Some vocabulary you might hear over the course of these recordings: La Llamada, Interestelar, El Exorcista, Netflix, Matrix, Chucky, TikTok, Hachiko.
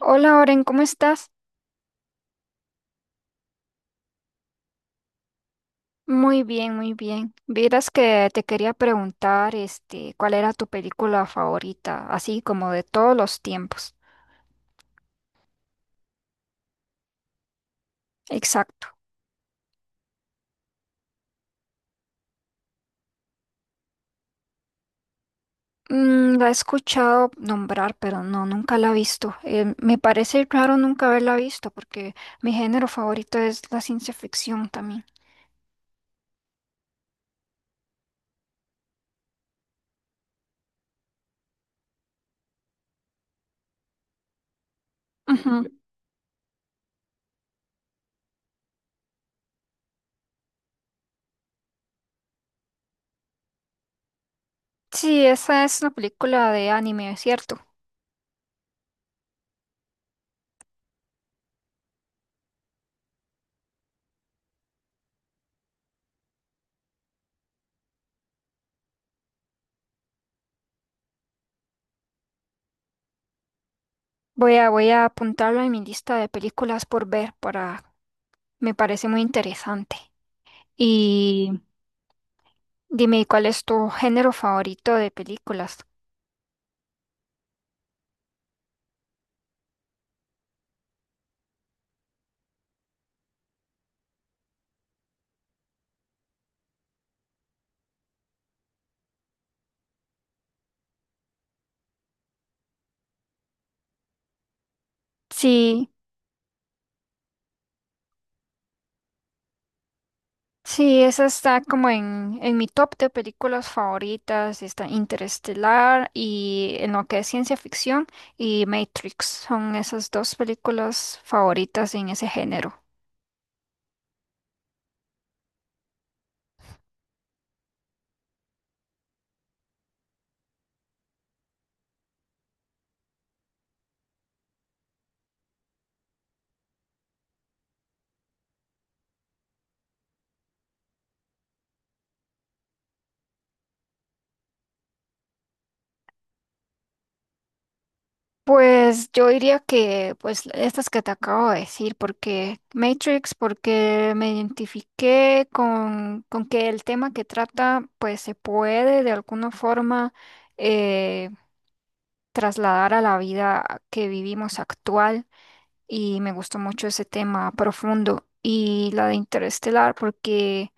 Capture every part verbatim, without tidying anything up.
Hola, Oren, ¿cómo estás? Muy bien, muy bien. Vieras que te quería preguntar, este, ¿cuál era tu película favorita? Así como de todos los tiempos. Exacto. Mm, la he escuchado nombrar, pero no, nunca la he visto. Eh, me parece raro nunca haberla visto, porque mi género favorito es la ciencia ficción también. Ujú. Sí, esa es una película de anime, ¿cierto? Voy a, voy a apuntarla en mi lista de películas por ver, para, me parece muy interesante. Y dime, ¿y ¿cuál es tu género favorito de películas? Sí, sí, esa está como en, en mi top de películas favoritas. Está Interestelar y en lo que es ciencia ficción y Matrix. Son esas dos películas favoritas en ese género. Pues yo diría que pues estas que te acabo de decir, porque Matrix, porque me identifiqué con, con que el tema que trata pues se puede de alguna forma eh, trasladar a la vida que vivimos actual, y me gustó mucho ese tema profundo, y la de Interestelar porque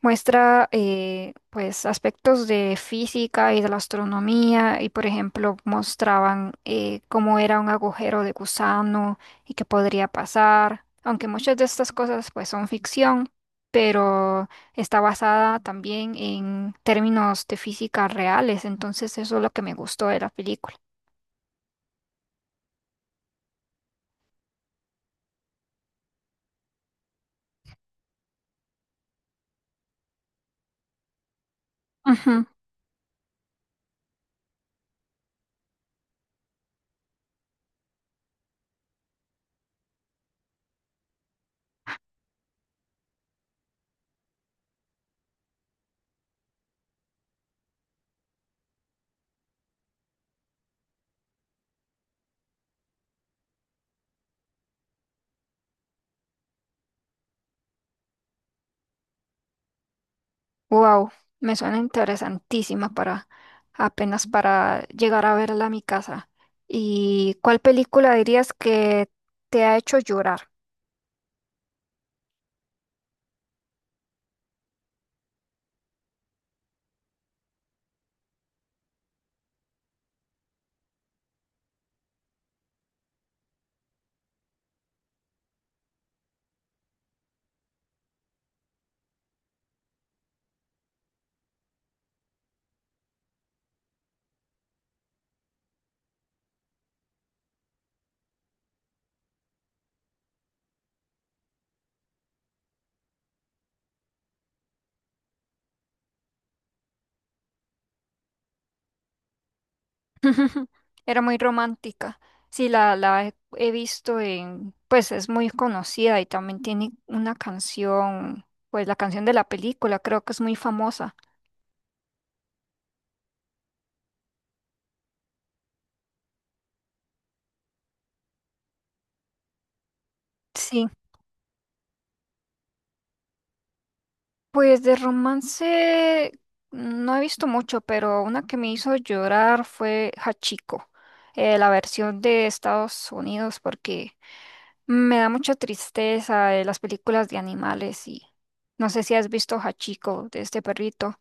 muestra eh, pues aspectos de física y de la astronomía, y por ejemplo mostraban eh, cómo era un agujero de gusano y qué podría pasar, aunque muchas de estas cosas pues son ficción, pero está basada también en términos de física reales. Entonces eso es lo que me gustó de la película. Ujú. Wow, me suena interesantísima para apenas para llegar a verla a mi casa. ¿Y cuál película dirías que te ha hecho llorar? Era muy romántica. Sí, la, la he, he visto en, pues es muy conocida, y también tiene una canción, pues la canción de la película, creo que es muy famosa. Sí. Pues de romance no he visto mucho, pero una que me hizo llorar fue Hachiko, eh, la versión de Estados Unidos, porque me da mucha tristeza eh, las películas de animales, y no sé si has visto Hachiko de este perrito.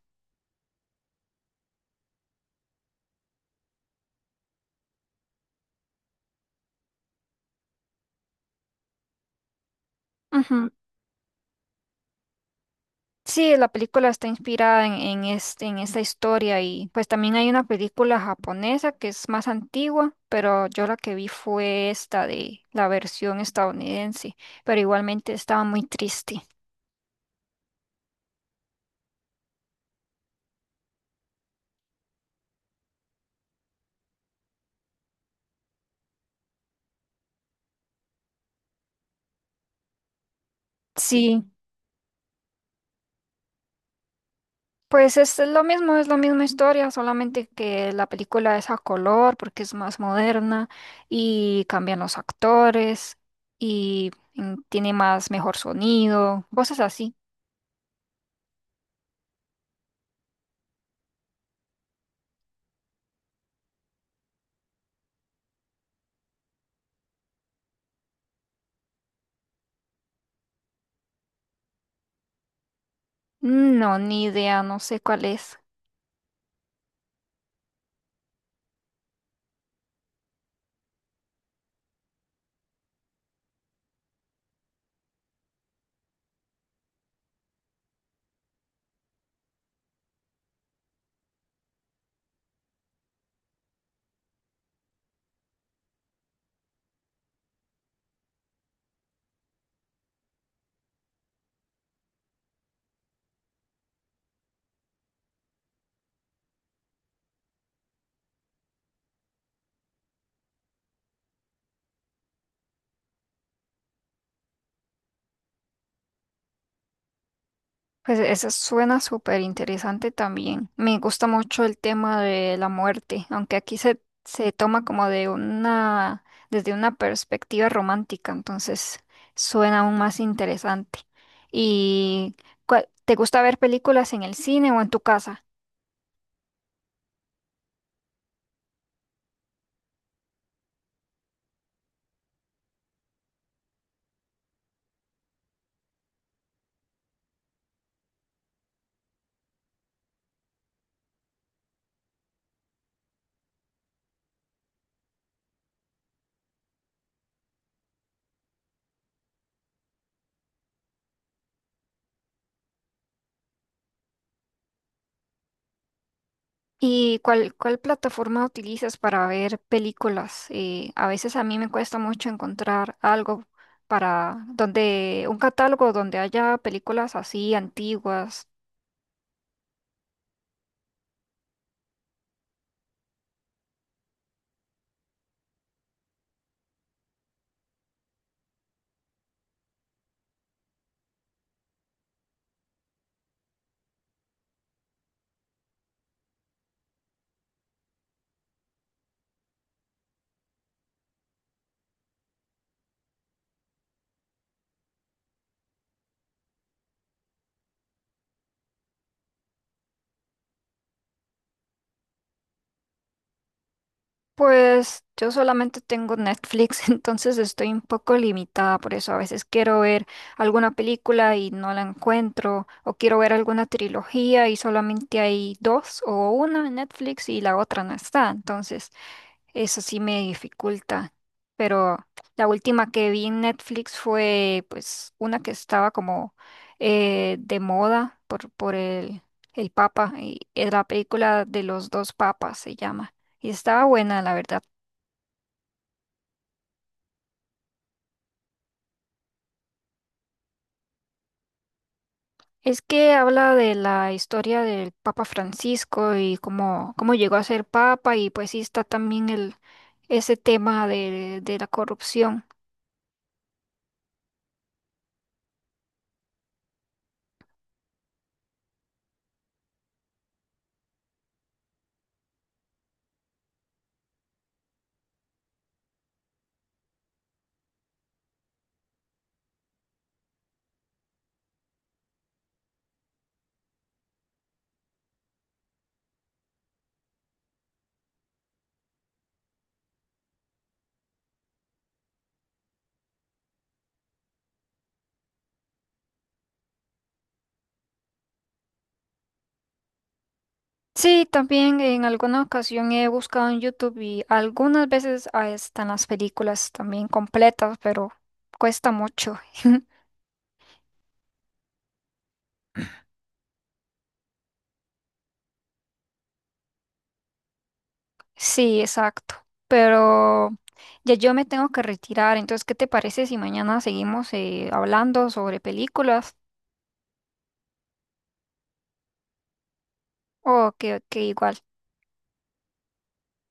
Ujú. Sí, la película está inspirada en, en este, en esta historia, y pues también hay una película japonesa que es más antigua, pero yo la que vi fue esta de la versión estadounidense, pero igualmente estaba muy triste. Sí, pues es lo mismo, es la misma historia, solamente que la película es a color porque es más moderna, y cambian los actores y mm, tiene más mejor sonido, cosas así. No, ni idea, no sé cuál es. Pues eso suena súper interesante también. Me gusta mucho el tema de la muerte, aunque aquí se, se toma como de una, desde una perspectiva romántica, entonces suena aún más interesante. ¿Y cuál- te gusta ver películas en el cine o en tu casa? ¿Y cuál, cuál plataforma utilizas para ver películas? Eh, a veces a mí me cuesta mucho encontrar algo para donde un catálogo donde haya películas así antiguas. Pues yo solamente tengo Netflix, entonces estoy un poco limitada por eso. A veces quiero ver alguna película y no la encuentro, o quiero ver alguna trilogía y solamente hay dos o una en Netflix y la otra no está. Entonces eso sí me dificulta, pero la última que vi en Netflix fue pues una que estaba como eh, de moda por, por el, el Papa, y es la película de los dos papas se llama, y estaba buena la verdad. Es que habla de la historia del Papa Francisco y cómo, cómo llegó a ser Papa, y pues sí está también el, ese tema de, de la corrupción. Sí, también en alguna ocasión he buscado en YouTube, y algunas veces ah, están las películas también completas, pero cuesta mucho. Sí, exacto. Pero ya yo me tengo que retirar. Entonces, ¿qué te parece si mañana seguimos eh, hablando sobre películas? O que, que igual.